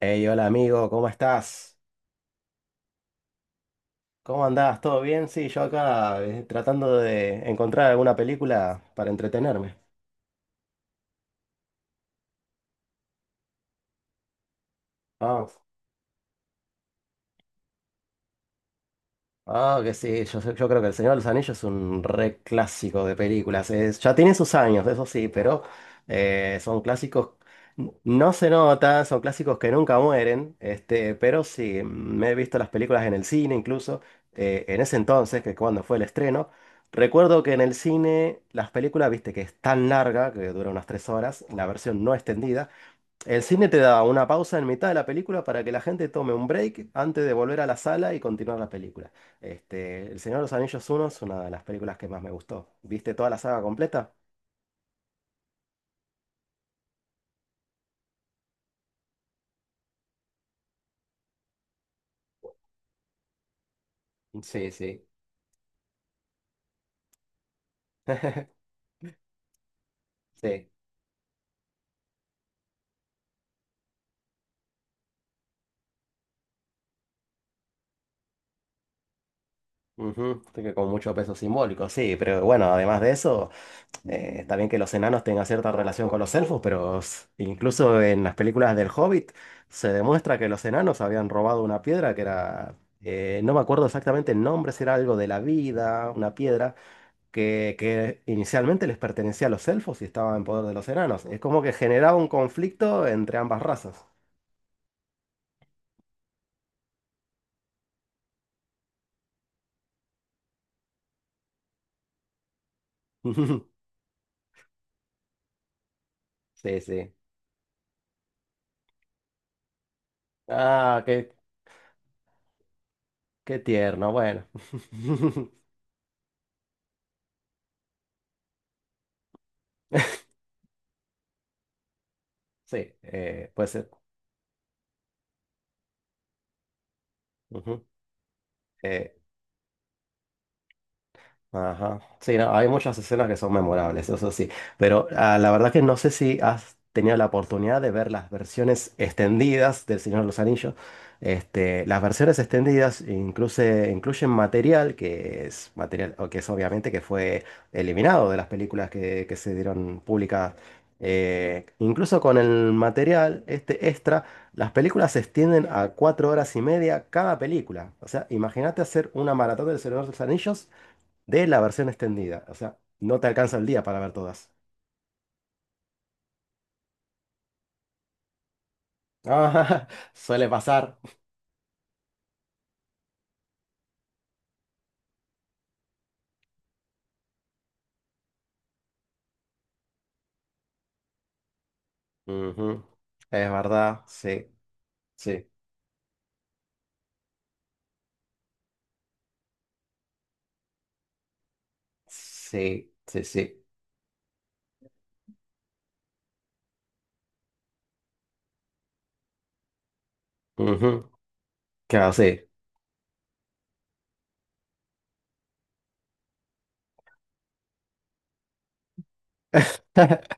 Hey, hola amigo, ¿cómo estás? ¿Cómo andás? ¿Todo bien? Sí, yo acá tratando de encontrar alguna película para entretenerme. Vamos. Ah, que sí, yo creo que El Señor de los Anillos es un re clásico de películas. Ya tiene sus años, eso sí, pero son clásicos. No se nota, son clásicos que nunca mueren, este, pero sí, me he visto las películas en el cine incluso, en ese entonces, que cuando fue el estreno. Recuerdo que en el cine las películas, viste, que es tan larga, que dura unas tres horas, la versión no extendida. El cine te da una pausa en mitad de la película para que la gente tome un break antes de volver a la sala y continuar la película. Este, El Señor de los Anillos 1 es una de las películas que más me gustó. ¿Viste toda la saga completa? Sí, sí, sí. Ujú, así que con mucho peso simbólico, sí, pero bueno, además de eso, está bien que los enanos tengan cierta relación con los elfos, pero incluso en las películas del Hobbit se demuestra que los enanos habían robado una piedra que era, no me acuerdo exactamente el nombre, si era algo de la vida, una piedra, que inicialmente les pertenecía a los elfos y estaba en poder de los enanos. Es como que generaba un conflicto entre ambas razas. Sí, sí. Ah, qué tierno. Bueno. Sí, puede ser. Ujú. Eh, Ajá. Sí, no, hay muchas escenas que son memorables, eso sí. Pero ah, la verdad que no sé si has tenido la oportunidad de ver las versiones extendidas del Señor de los Anillos. Este, las versiones extendidas incluso, incluyen material que es material, o que es obviamente que fue eliminado de las películas que se dieron públicas. Incluso con el material, este extra, las películas se extienden a cuatro horas y media cada película. O sea, imagínate hacer una maratón del Señor de los Anillos de la versión extendida. O sea, no te alcanza el día para ver todas. Ah, suele pasar. Ujú. Es verdad, sí, sí, sí, sí, sí. Ujú. Claro, sí.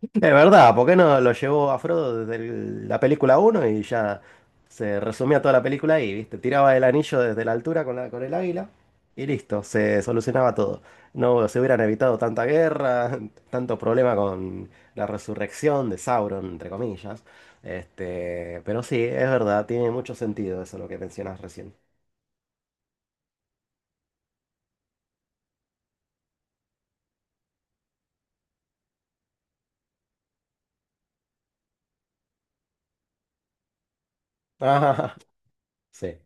Es verdad, ¿por qué no lo llevó a Frodo desde la película uno y ya se resumía toda la película ahí, ¿viste? Tiraba el anillo desde la altura con con el águila y listo, se solucionaba todo. No se hubieran evitado tanta guerra, tanto problema con la resurrección de Sauron, entre comillas. Este, pero sí, es verdad, tiene mucho sentido eso lo que mencionas recién. Ah, sí.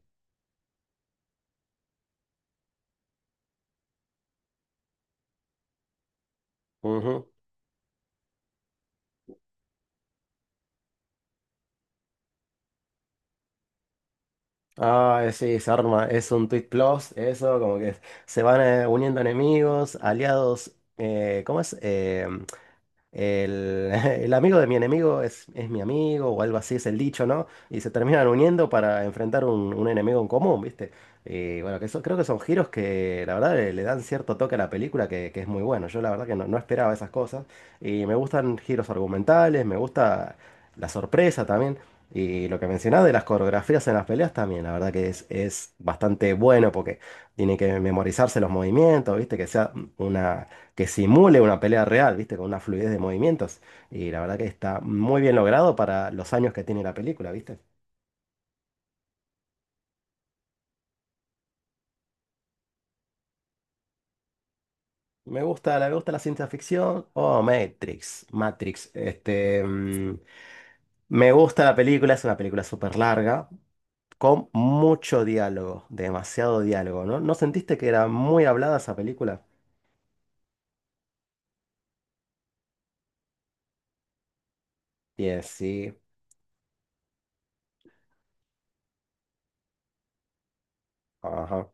Ah, sí, se arma, es un Twitch Plus, eso, como que se van uniendo enemigos, aliados, ¿cómo es? El, el amigo de mi enemigo es mi amigo o algo así es el dicho, ¿no? Y se terminan uniendo para enfrentar un enemigo en común, ¿viste? Y bueno, que eso, creo que son giros que la verdad le dan cierto toque a la película que es muy bueno. Yo la verdad que no, no esperaba esas cosas. Y me gustan giros argumentales, me gusta la sorpresa también. Y lo que mencionaba de las coreografías en las peleas también, la verdad que es bastante bueno porque tiene que memorizarse los movimientos, ¿viste? Que sea una que simule una pelea real, ¿viste? Con una fluidez de movimientos. Y la verdad que está muy bien logrado para los años que tiene la película, ¿viste? Me gusta, me gusta la ciencia ficción. Oh, Matrix, Matrix. Este, mm, me gusta la película, es una película súper larga, con mucho diálogo, demasiado diálogo, ¿no? ¿No sentiste que era muy hablada esa película? Bien, sí, ajá.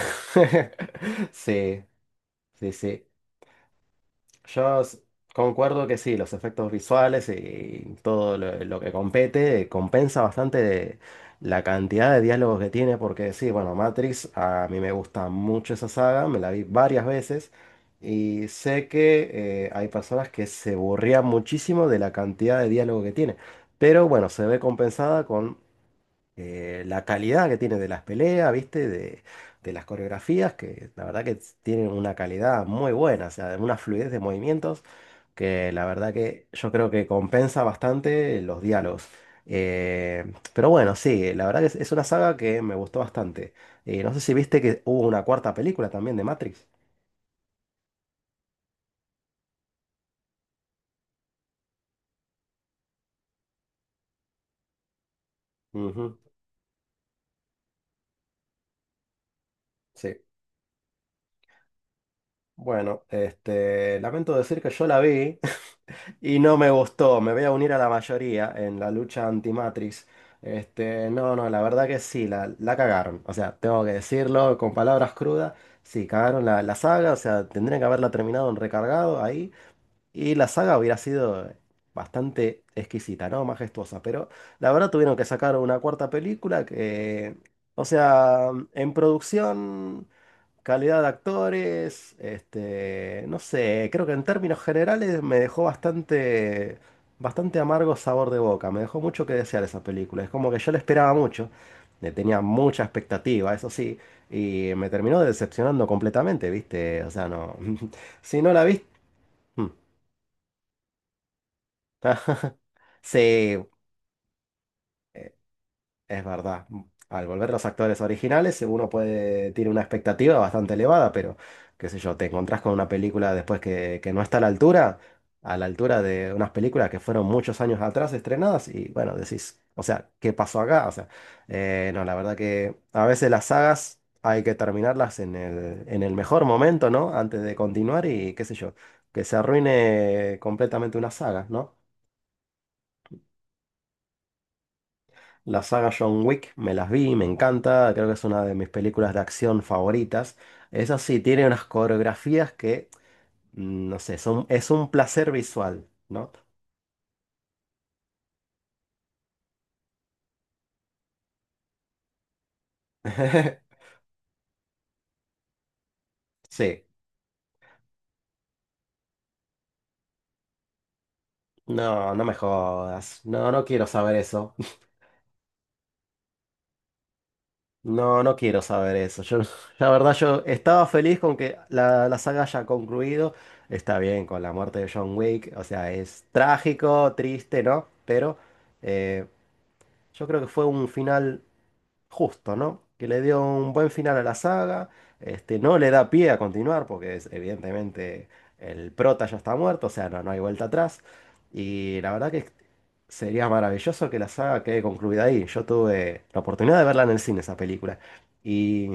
Sí, sí, sí. Yo s- Concuerdo que sí, los efectos visuales y todo lo que compete compensa bastante la cantidad de diálogos que tiene, porque sí, bueno, Matrix, a mí me gusta mucho esa saga, me la vi varias veces y sé que hay personas que se aburrían muchísimo de la cantidad de diálogo que tiene, pero bueno, se ve compensada con la calidad que tiene de las peleas, ¿viste? De las coreografías, que la verdad que tienen una calidad muy buena, o sea, una fluidez de movimientos que la verdad que yo creo que compensa bastante los diálogos. Pero bueno, sí, la verdad que es una saga que me gustó bastante. No sé si viste que hubo una cuarta película también de Matrix. Ujú, sí. Bueno, este, lamento decir que yo la vi. Y no me gustó, me voy a unir a la mayoría en la lucha anti-Matrix. Este, no, no, la verdad que sí, la cagaron. O sea, tengo que decirlo con palabras crudas. Sí, cagaron la saga, o sea, tendrían que haberla terminado en recargado ahí. Y la saga hubiera sido bastante exquisita, ¿no? Majestuosa. Pero la verdad tuvieron que sacar una cuarta película que, o sea, en producción. Calidad de actores, este, no sé, creo que en términos generales me dejó bastante, bastante amargo sabor de boca, me dejó mucho que desear esa película, es como que yo la esperaba mucho, le tenía mucha expectativa, eso sí, y me terminó decepcionando completamente, ¿viste? O sea, no, si no la viste... Sí, es verdad. Al volver los actores originales, uno puede, tiene una expectativa bastante elevada, pero qué sé yo, te encontrás con una película después que no está a la altura de unas películas que fueron muchos años atrás estrenadas, y bueno, decís, o sea, ¿qué pasó acá? O sea, no, la verdad que a veces las sagas hay que terminarlas en en el mejor momento, ¿no? Antes de continuar y qué sé yo, que se arruine completamente una saga, ¿no? La saga John Wick me las vi, me encanta, creo que es una de mis películas de acción favoritas. Eso sí, tiene unas coreografías que, mm, no sé, son, es un placer visual, ¿no? Sí, no, no me jodas, no, no quiero saber eso, no, no quiero saber eso. Yo, la verdad, yo estaba feliz con que la saga haya concluido, está bien con la muerte de John Wick, o sea, es trágico, triste, ¿no? Pero eh, yo creo que fue un final justo, ¿no? Que le dio un buen final a la saga, este, no le da pie a continuar porque evidentemente el prota ya está muerto, o sea, no, no hay vuelta atrás. Y la verdad que sería maravilloso que la saga quede concluida ahí. Yo tuve la oportunidad de verla en el cine, esa película. Y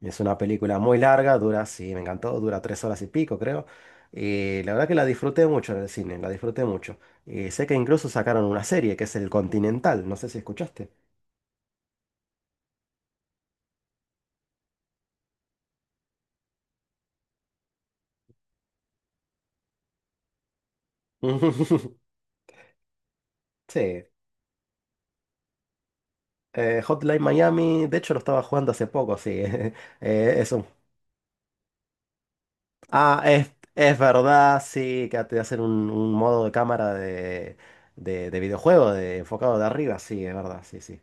es una película muy larga, dura, sí, me encantó, dura tres horas y pico, creo. Y la verdad que la disfruté mucho en el cine, la disfruté mucho. Y sé que incluso sacaron una serie que es El Continental, no sé si escuchaste. Sí. Hotline Miami, de hecho lo estaba jugando hace poco, sí. Eso. Ah, es verdad, sí, que te hacen un modo de cámara de, de videojuego, de, enfocado de arriba, sí, es verdad, sí, sí.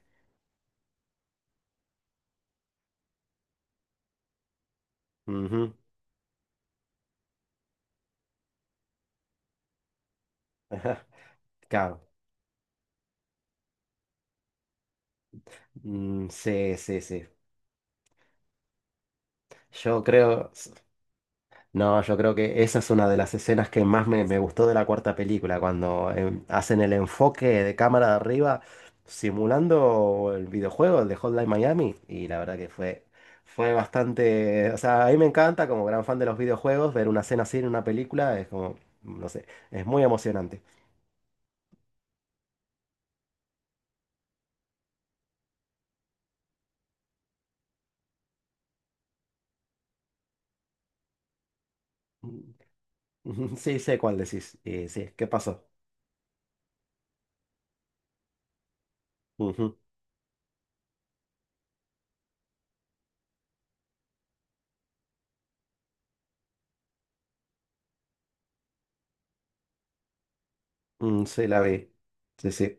Ujú, claro. Mm, sí, sí, sí. Yo creo. No, yo creo que esa es una de las escenas que más me, me gustó de la cuarta película, cuando em, hacen el enfoque de cámara de arriba simulando el videojuego, el de Hotline Miami, y la verdad que fue, fue bastante, o sea, a mí me encanta como gran fan de los videojuegos ver una escena así en una película, es como, no sé, es muy emocionante. Sí, sé cuál decís, y sí, ¿qué pasó? Ujú, mm, sí, la vi, sí, sí.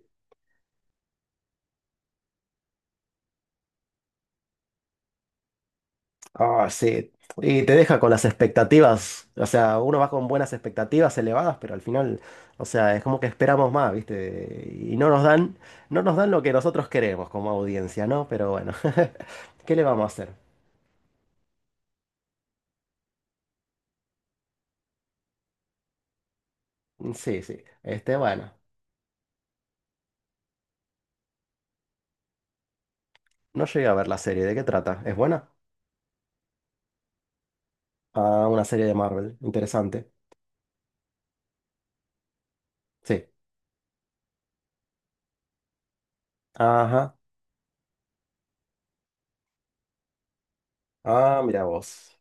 Ah, sí. Y te deja con las expectativas. O sea, uno va con buenas expectativas elevadas, pero al final, o sea, es como que esperamos más, ¿viste? Y no nos dan, no nos dan lo que nosotros queremos como audiencia, ¿no? Pero bueno, ¿qué le vamos a hacer? Sí, sí. Este, bueno, no llegué a ver la serie. ¿De qué trata? ¿Es buena? Ah, una serie de Marvel. Interesante. Sí. Ajá. Ah, mira vos.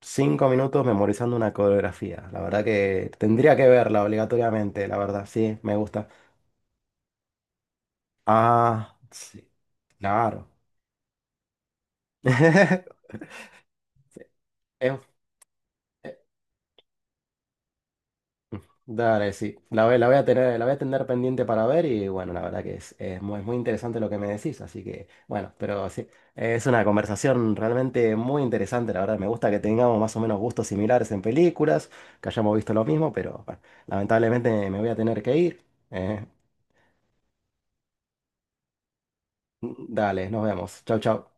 Cinco minutos memorizando una coreografía. La verdad que tendría que verla obligatoriamente, la verdad. Sí, me gusta. Ah, sí, claro. Em, eh, dale, sí. La voy a tener, la voy a tener pendiente para ver y bueno, la verdad que es muy, muy interesante lo que me decís, así que bueno, pero sí, es una conversación realmente muy interesante, la verdad. Me gusta que tengamos más o menos gustos similares en películas, que hayamos visto lo mismo, pero bueno, lamentablemente me voy a tener que ir. eh. Dale, nos vemos. Chau, chau.